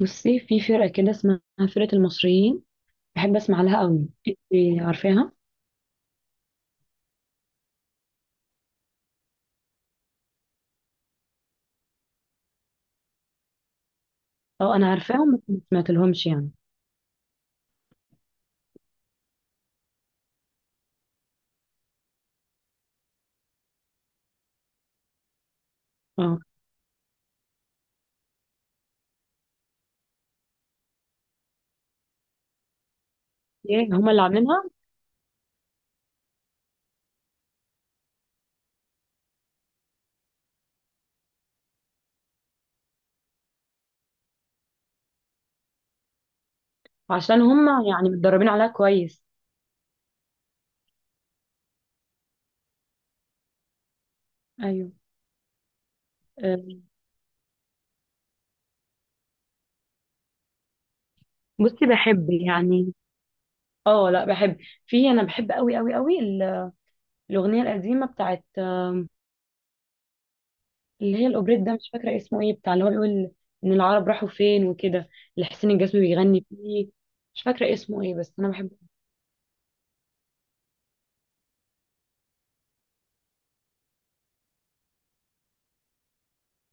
بصي، في فرقة كده اسمها فرقة المصريين، بحب اسمع لها قوي. انت عارفاها؟ اه انا عارفاهم بس ما سمعت لهمش يعني. اه، ايه هما اللي عاملينها؟ عشان هما يعني متدربين عليها كويس. ايوه. آه، بصي بحب يعني. اه لا بحب. في انا بحب قوي قوي قوي الاغنية القديمة بتاعت اللي هي الاوبريت ده، مش فاكرة اسمه ايه، بتاع اللي هو بيقول ان العرب راحوا فين وكده، اللي حسين الجسمي بيغني فيه. مش فاكرة اسمه ايه بس انا بحبه.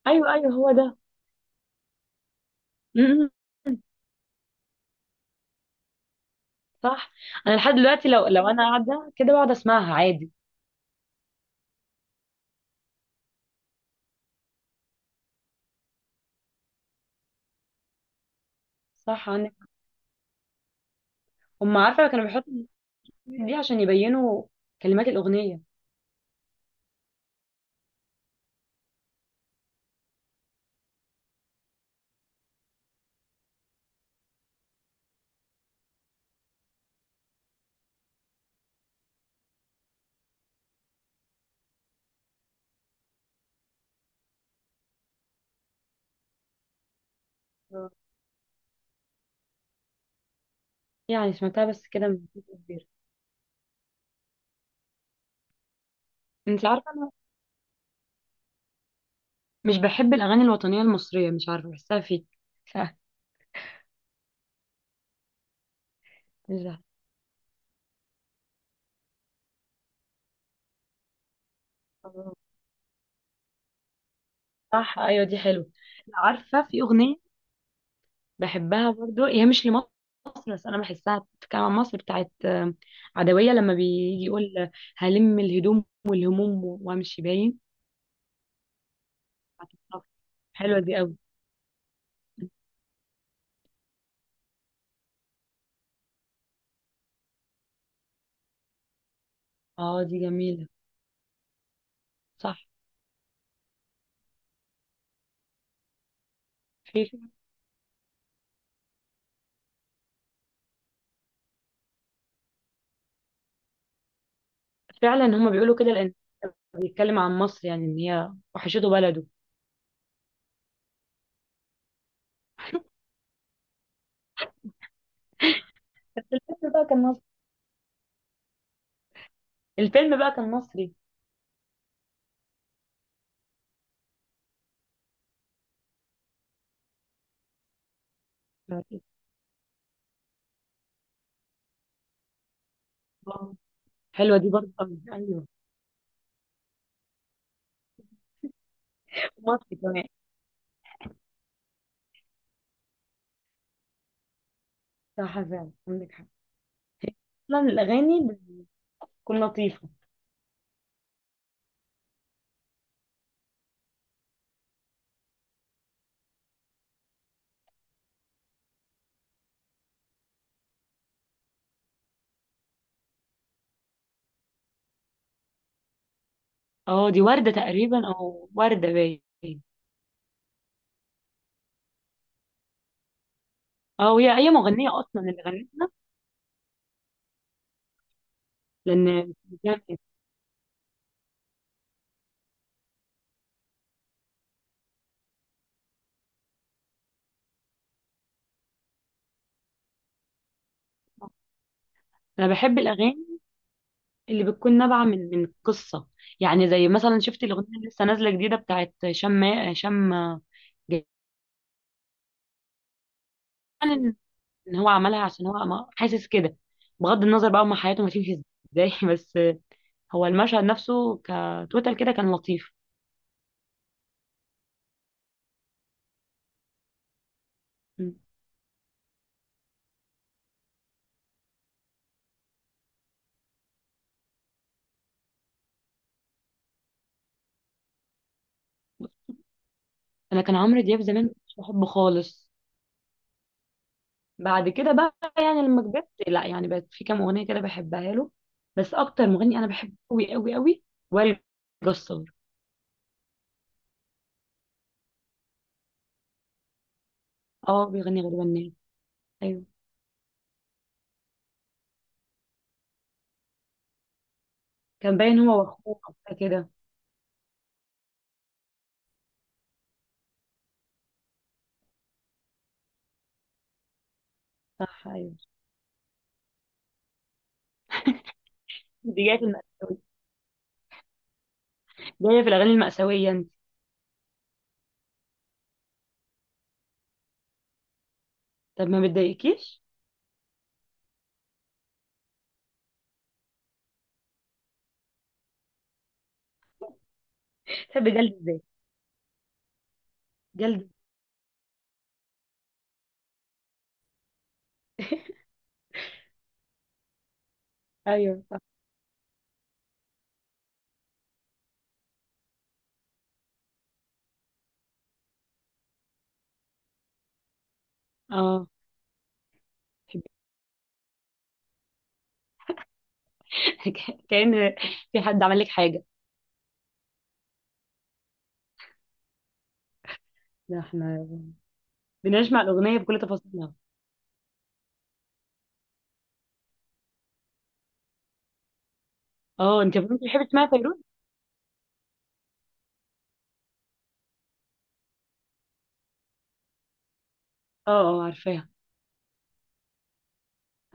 ايوه ايوه، هو ده. صح. انا لحد دلوقتي لو انا قاعده كده بقعد اسمعها عادي. صح عندك. هم عارفه كانوا بيحطوا الموسيقى دي عشان يبينوا كلمات الاغنيه. يعني سمعتها بس كده من فترة كبيره. انت عارفه انا مش بحب الاغاني الوطنيه المصريه، مش عارفه بحسها فيك. صح. مش عارفة. صح ايوه دي حلوه. عارفه في اغنيه بحبها برضو، هي مش لمصر بس انا بحسها بتتكلم عن مصر، بتاعت عدويه، لما بيجي يقول هلم الهدوم والهموم وامشي باين. حلوه دي قوي. اه دي جميلة. صح. في فعلا هما بيقولوا كده، لأن بيتكلم عن مصر يعني إن هي وحشته بلده. بس الفيلم بقى كان مصري. الفيلم بقى كان مصري. آه، حلوة دي برضه أوي. أيوه. مصري كمان. صح فعلا عندك حق. أصلا الأغاني بتكون لطيفة. اه دي وردة تقريبا، أو وردة باين. اه هي أي مغنية أصلا اللي غنتها؟ لأن أنا بحب الأغاني اللي بتكون نابعة من قصة. يعني زي مثلا شفت الأغنية اللي لسه نازلة جديدة بتاعت شم، شم، جاي- يعني إن هو عملها عشان هو حاسس كده. بغض النظر بقى هما حياتهم هتمشي ازاي بس هو المشهد نفسه كتوتال كده كان لطيف. أنا كان عمرو دياب زمان مش بحبه خالص. بعد كده بقى يعني لما كبرت، لا يعني بقت في كام أغنية كده بحبها له. بس أكتر مغني أنا بحبه أوي أوي أوي وائل جسار. اه بيغني غريبة الناس. كان باين هو واخوه أو حاجة كده. صح ايوه. دي جايه في المأساوية، جايه في الاغاني المأساوية انت. طب ما بتضايقكيش؟ تحبي جلد ازاي؟ جلد. ايوه صح. اه كأن في حد عمل لك حاجة. ده احنا بنسمع الأغنية بكل تفاصيلها. اه، انت ممكن بتحبي تسمعي فيروز؟ اه. اه عارفاها.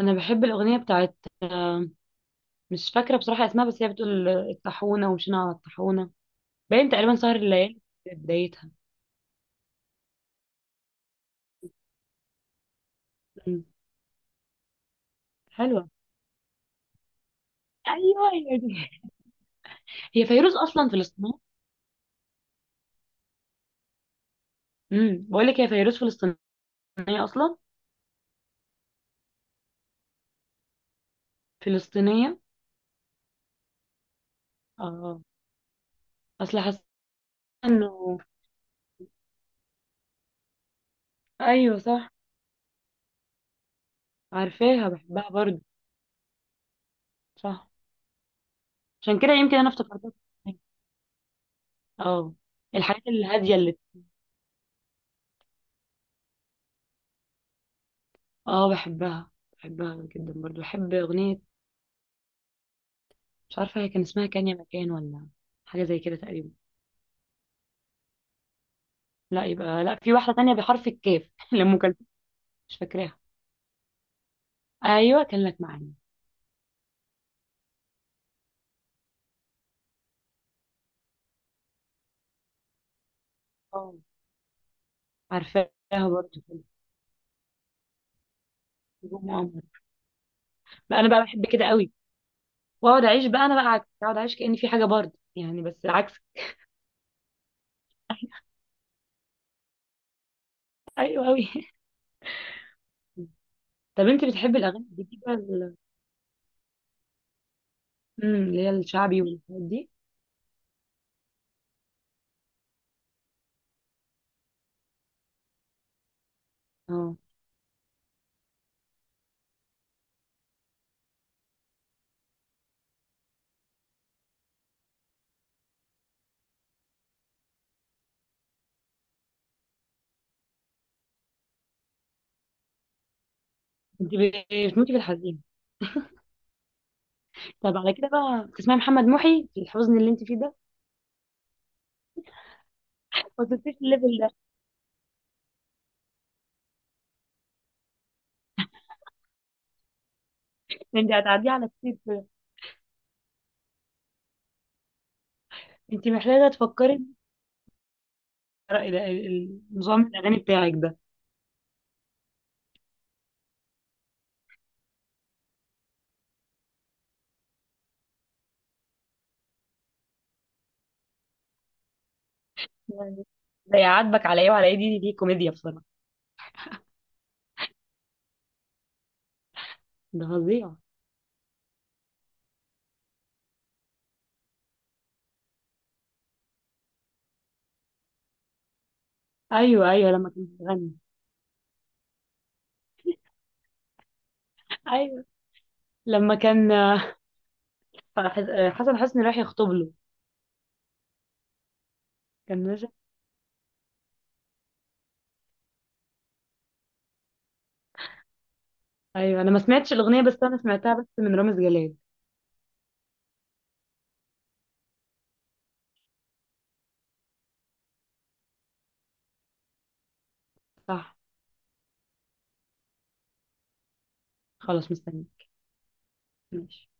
انا بحب الأغنية بتاعت آه، مش فاكرة بصراحة اسمها، بس هي بتقول الطاحونة، ومشينا على الطاحونة باين، تقريبا سهر الليالي في بدايتها. مم. حلوة. ايوه هي دي. هي فيروز اصلا فلسطينية. بقول لك هي فيروز فلسطينية اصلا. فلسطينية. اه اصل حاسة انه. ايوه صح. عارفاها بحبها برضه. صح. عشان كده يمكن انا افتكرتها. اه. الحاجات الهادية اللي اه بحبها. بحبها جدا برضه. بحب اغنية مش عارفة هي كان اسمها كان يا مكان، ولا حاجة زي كده تقريبا. لا، يبقى لا، في واحدة تانية بحرف الكاف لأم كلثوم. مش فاكراها. ايوه كان لك معايا. اه عارفاها برضه. نجوم وقمر. بقى انا بقى بحب كده قوي، واقعد اعيش بقى. انا بقى عكس، اقعد اعيش كأني في حاجه برضه يعني، بس عكس. ايوه قوي طب انت بتحبي الاغاني الجديده اللي هي الشعبي والحاجات دي؟ اه انت بتموتي في الحزين. طب على كده بقى تسمعي محمد محي في الحزن اللي انت فيه ده. ما وصلتيش الليفل ده. انت هتعديه على كتير كده. انت محتاجه تفكري في نظام الاغاني بتاعك ده يعني. ده يعاتبك على ايه وعلى ايه، دي دي كوميديا بصراحه. ده فظيع. ايوه ايوه لما كان بيغني. ايوه لما كان حسن حسني راح يخطب له. كان نجم. ايوه انا ما سمعتش الاغنيه، بس انا سمعتها بس من رامز جلال. صح. خلاص مستني. ماشي.